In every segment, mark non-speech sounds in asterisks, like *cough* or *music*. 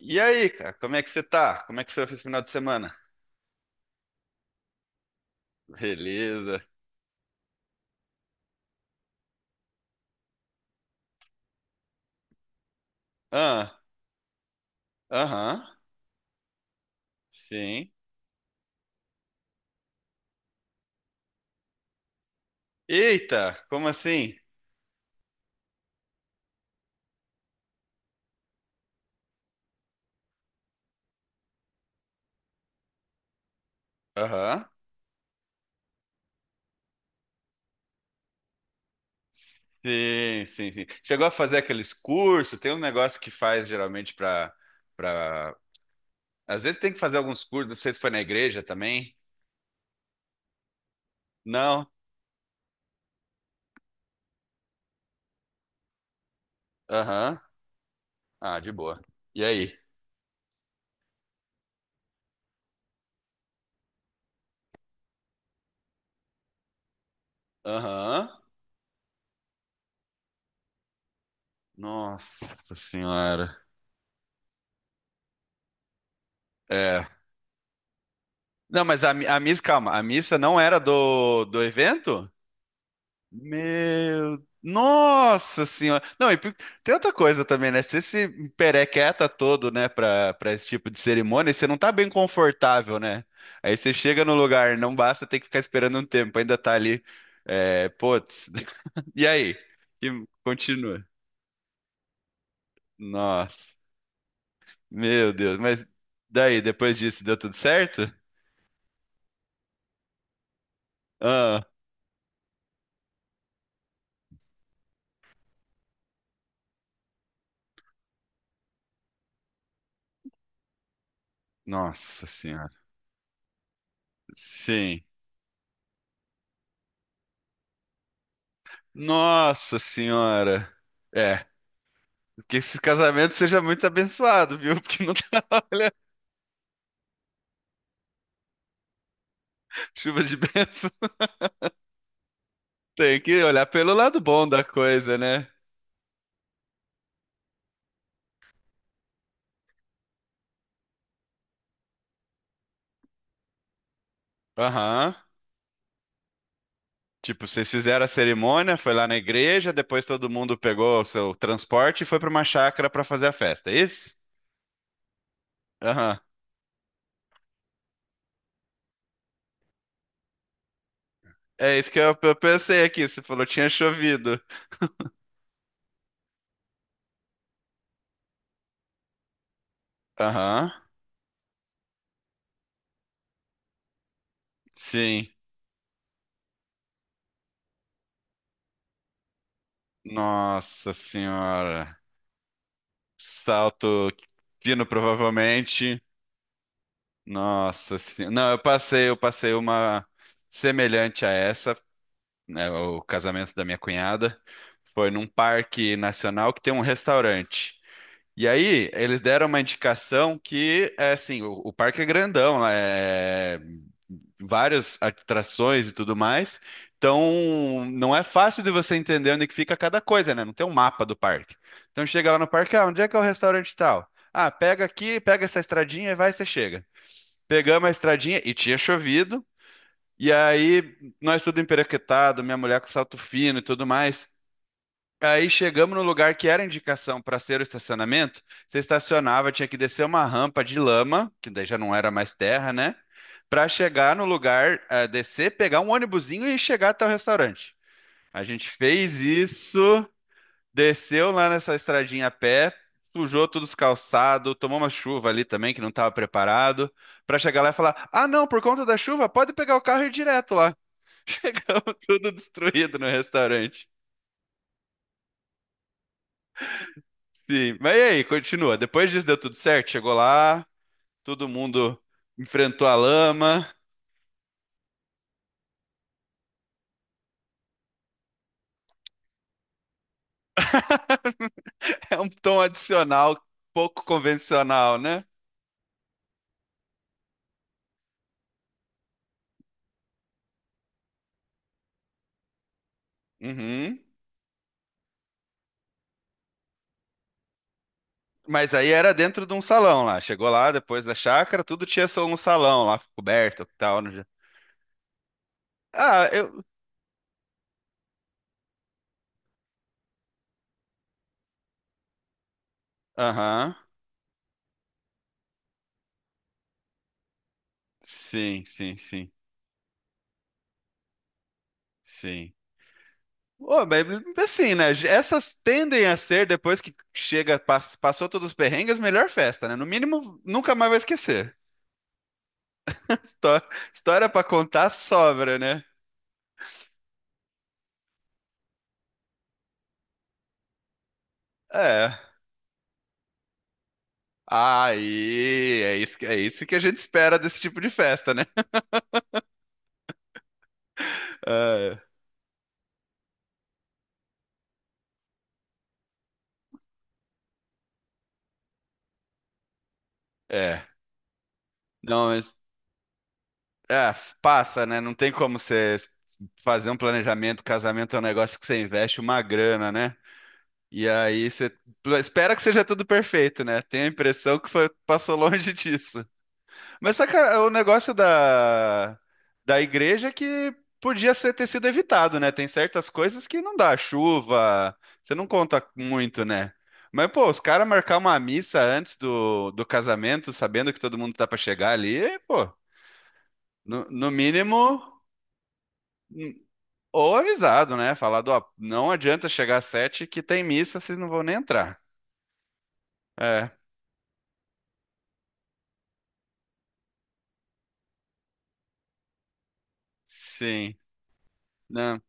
E aí, cara, como é que você tá? Como é que você fez esse final de semana? Beleza. Ah, aham, sim. Eita, como assim? Aham. Sim, sim, sim. Chegou a fazer aqueles cursos, tem um negócio que faz geralmente pra... Às vezes tem que fazer alguns cursos, não sei se foi na igreja também. Não? Aham. Ah, de boa. E aí? Aham. Nossa senhora. É. Não, mas a missa, calma, a missa não era do evento? Meu, nossa senhora. Não, e tem outra coisa também, né? Você se perequeta todo, né, pra esse tipo de cerimônia, você não tá bem confortável, né? Aí você chega no lugar, não basta ter que ficar esperando um tempo, ainda tá ali, é, putz. *laughs* E aí? E continua. Nossa, meu Deus. Mas daí, depois disso, deu tudo certo? Ah, nossa senhora. Sim. Nossa senhora. É. Que esse casamento seja muito abençoado, viu? Porque não tá, *laughs* olha, chuva de bênção. Tem que olhar pelo lado bom da coisa, né? Aham. Tipo, vocês fizeram a cerimônia, foi lá na igreja, depois todo mundo pegou o seu transporte e foi pra uma chácara pra fazer a festa, é isso? Aham. É isso que eu pensei aqui. Você falou tinha chovido. Aham. Sim. Nossa senhora. Salto fino, provavelmente. Nossa senhora. Não, eu passei uma semelhante a essa, né, o casamento da minha cunhada. Foi num parque nacional que tem um restaurante. E aí, eles deram uma indicação que, é assim, o parque é grandão, é várias atrações e tudo mais. Então, não é fácil de você entender onde que fica cada coisa, né? Não tem um mapa do parque. Então, chega lá no parque, ah, onde é que é o restaurante tal? Ah, pega aqui, pega essa estradinha e vai, você chega. Pegamos a estradinha e tinha chovido. E aí, nós tudo emperequetado, minha mulher com salto fino e tudo mais. Aí chegamos no lugar que era indicação para ser o estacionamento. Você estacionava, tinha que descer uma rampa de lama, que daí já não era mais terra, né? Para chegar no lugar, eh, descer, pegar um ônibusinho e chegar até o restaurante. A gente fez isso. Desceu lá nessa estradinha a pé, sujou todos os calçados, tomou uma chuva ali também que não estava preparado, para chegar lá e falar: Ah, não, por conta da chuva, pode pegar o carro e ir direto lá. *laughs* Chegamos tudo destruído no restaurante. Sim, mas e aí, continua. Depois disso deu tudo certo, chegou lá, todo mundo enfrentou a lama. *laughs* É um tom adicional, pouco convencional, né? Uhum. Mas aí era dentro de um salão lá. Chegou lá, depois da chácara, tudo tinha só um salão lá, coberto e tal. Ah, eu. Aham. Sim, sim, sim. Ô, mas assim, né? Essas tendem a ser, depois que chega, passou todos os perrengues, melhor festa, né? No mínimo, nunca mais vai esquecer. *laughs* Histó- História pra contar sobra, né? É. Aí, é isso, é isso que a gente espera desse tipo de festa, né? *laughs* Ah, É. Não, mas é, passa, né? Não tem como você fazer um planejamento. Casamento é um negócio que você investe uma grana, né? E aí você espera que seja tudo perfeito, né? Tenho a impressão que passou longe *laughs* disso. Mas só o negócio da igreja é que podia ser, ter sido evitado, né? Tem certas coisas que não dá, chuva, você não conta muito, né? Mas, pô, os caras marcar uma missa antes do casamento, sabendo que todo mundo tá pra chegar ali, é, pô, no mínimo, n- ou avisado, né? Falado, ó, não adianta chegar às sete que tem missa, vocês não vão nem entrar. É. Sim. Não.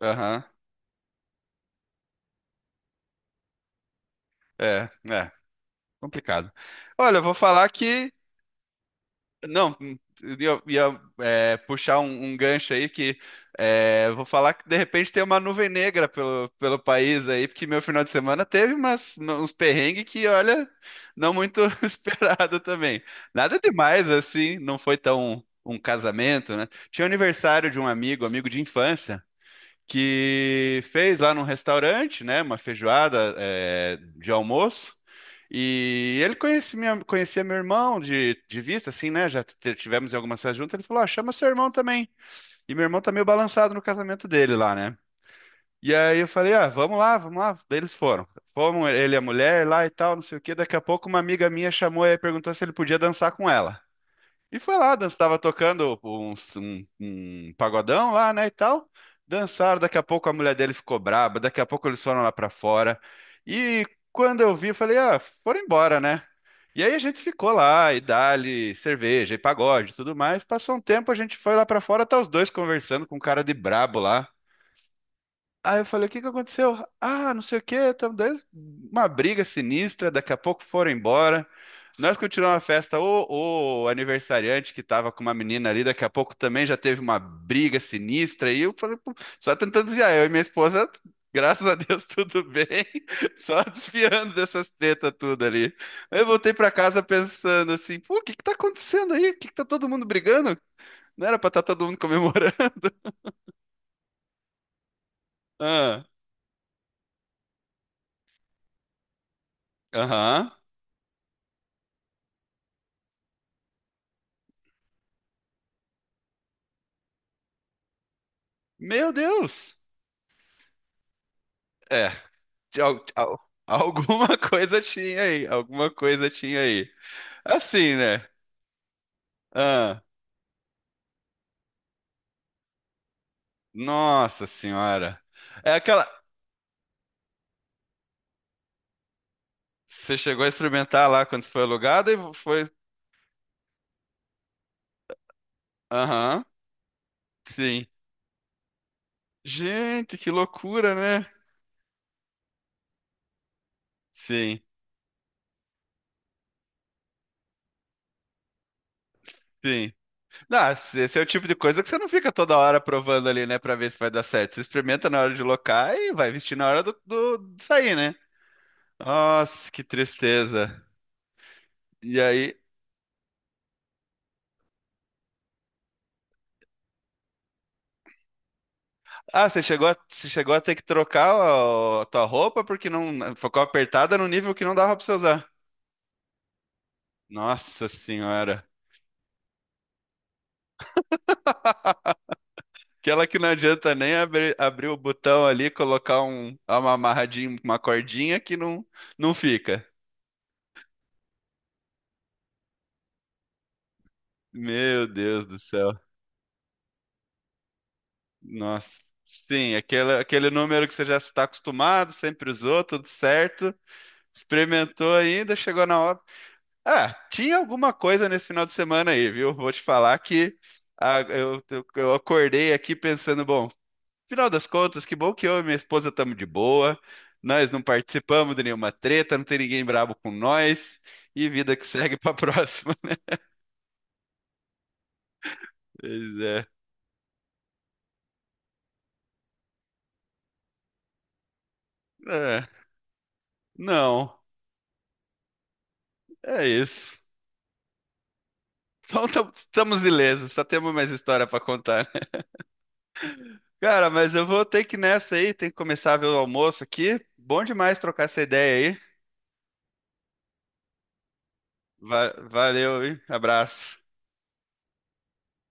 Aham. É, é. Complicado. Olha, eu vou falar que. Não, eu ia, é, puxar um gancho aí que é, eu vou falar que de repente tem uma nuvem negra pelo país aí, porque meu final de semana teve umas, uns perrengues que, olha, não muito *laughs* esperado também. Nada demais assim, não foi tão um casamento, né? Tinha aniversário de um amigo, amigo de infância. Que fez lá num restaurante, né, uma feijoada é, de almoço. E ele conhecia, conhecia meu irmão de vista, assim, né? Já tivemos em algumas festas juntas. Ele falou: ah, chama seu irmão também. E meu irmão tá meio balançado no casamento dele lá, né? E aí eu falei: ah, vamos lá, vamos lá. Daí eles foram. Fomos ele e a mulher lá e tal, não sei o quê. Daqui a pouco uma amiga minha chamou e perguntou se ele podia dançar com ela. E foi lá, dança, tava tocando um pagodão lá, né, e tal. Dançaram, daqui a pouco a mulher dele ficou braba, daqui a pouco eles foram lá pra fora. E quando eu vi, eu falei, ah, foram embora, né? E aí a gente ficou lá, e dali, cerveja, e pagode, e tudo mais. Passou um tempo, a gente foi lá pra fora, tá os dois conversando com um cara de brabo lá. Aí eu falei, o que que aconteceu? Ah, não sei o quê, tamo dando uma briga sinistra, daqui a pouco foram embora. Nós continuamos a festa. O aniversariante que tava com uma menina ali, daqui a pouco também já teve uma briga sinistra. E eu falei, "Pô, só tentando desviar. Eu e minha esposa, graças a Deus, *laughs* tudo bem. Só desviando dessas tretas tudo ali. Aí eu voltei pra casa pensando assim: pô, o que que tá acontecendo aí? O que que tá todo mundo brigando? Não era pra estar todo mundo comemorando. *laughs* Ah, aham. Meu Deus! É, de alguma *laughs* coisa tinha aí, alguma coisa tinha aí. Assim, né? Ah, nossa senhora. É aquela. Você chegou a experimentar lá quando você foi alugado e foi. Aham, sim. Gente, que loucura, né? Sim, sim. Não, esse é o tipo de coisa que você não fica toda hora provando ali, né, pra ver se vai dar certo. Você experimenta na hora de locar e vai vestir na hora de sair, né? Nossa, que tristeza. E aí. Ah, você chegou a ter que trocar a tua roupa porque não ficou apertada no nível que não dava pra você usar. Nossa senhora. Aquela que não adianta nem abrir o botão ali, colocar uma amarradinha, uma cordinha que não, não fica. Meu Deus do céu. Nossa. Sim, aquele número que você já está acostumado, sempre usou, tudo certo. Experimentou ainda, chegou na hora. Ah, tinha alguma coisa nesse final de semana aí, viu? Vou te falar que ah, eu acordei aqui pensando, bom, final das contas, que bom que eu e minha esposa estamos de boa. Nós não participamos de nenhuma treta, não tem ninguém brabo com nós. E vida que segue *laughs* para a próxima. *laughs* Pois é. É, Não, é isso. Então estamos ilesos, só temos mais história para contar, né? Cara, mas eu vou ter que ir nessa aí, tem que começar a ver o almoço aqui. Bom demais trocar essa ideia aí. Valeu, hein? Abraço.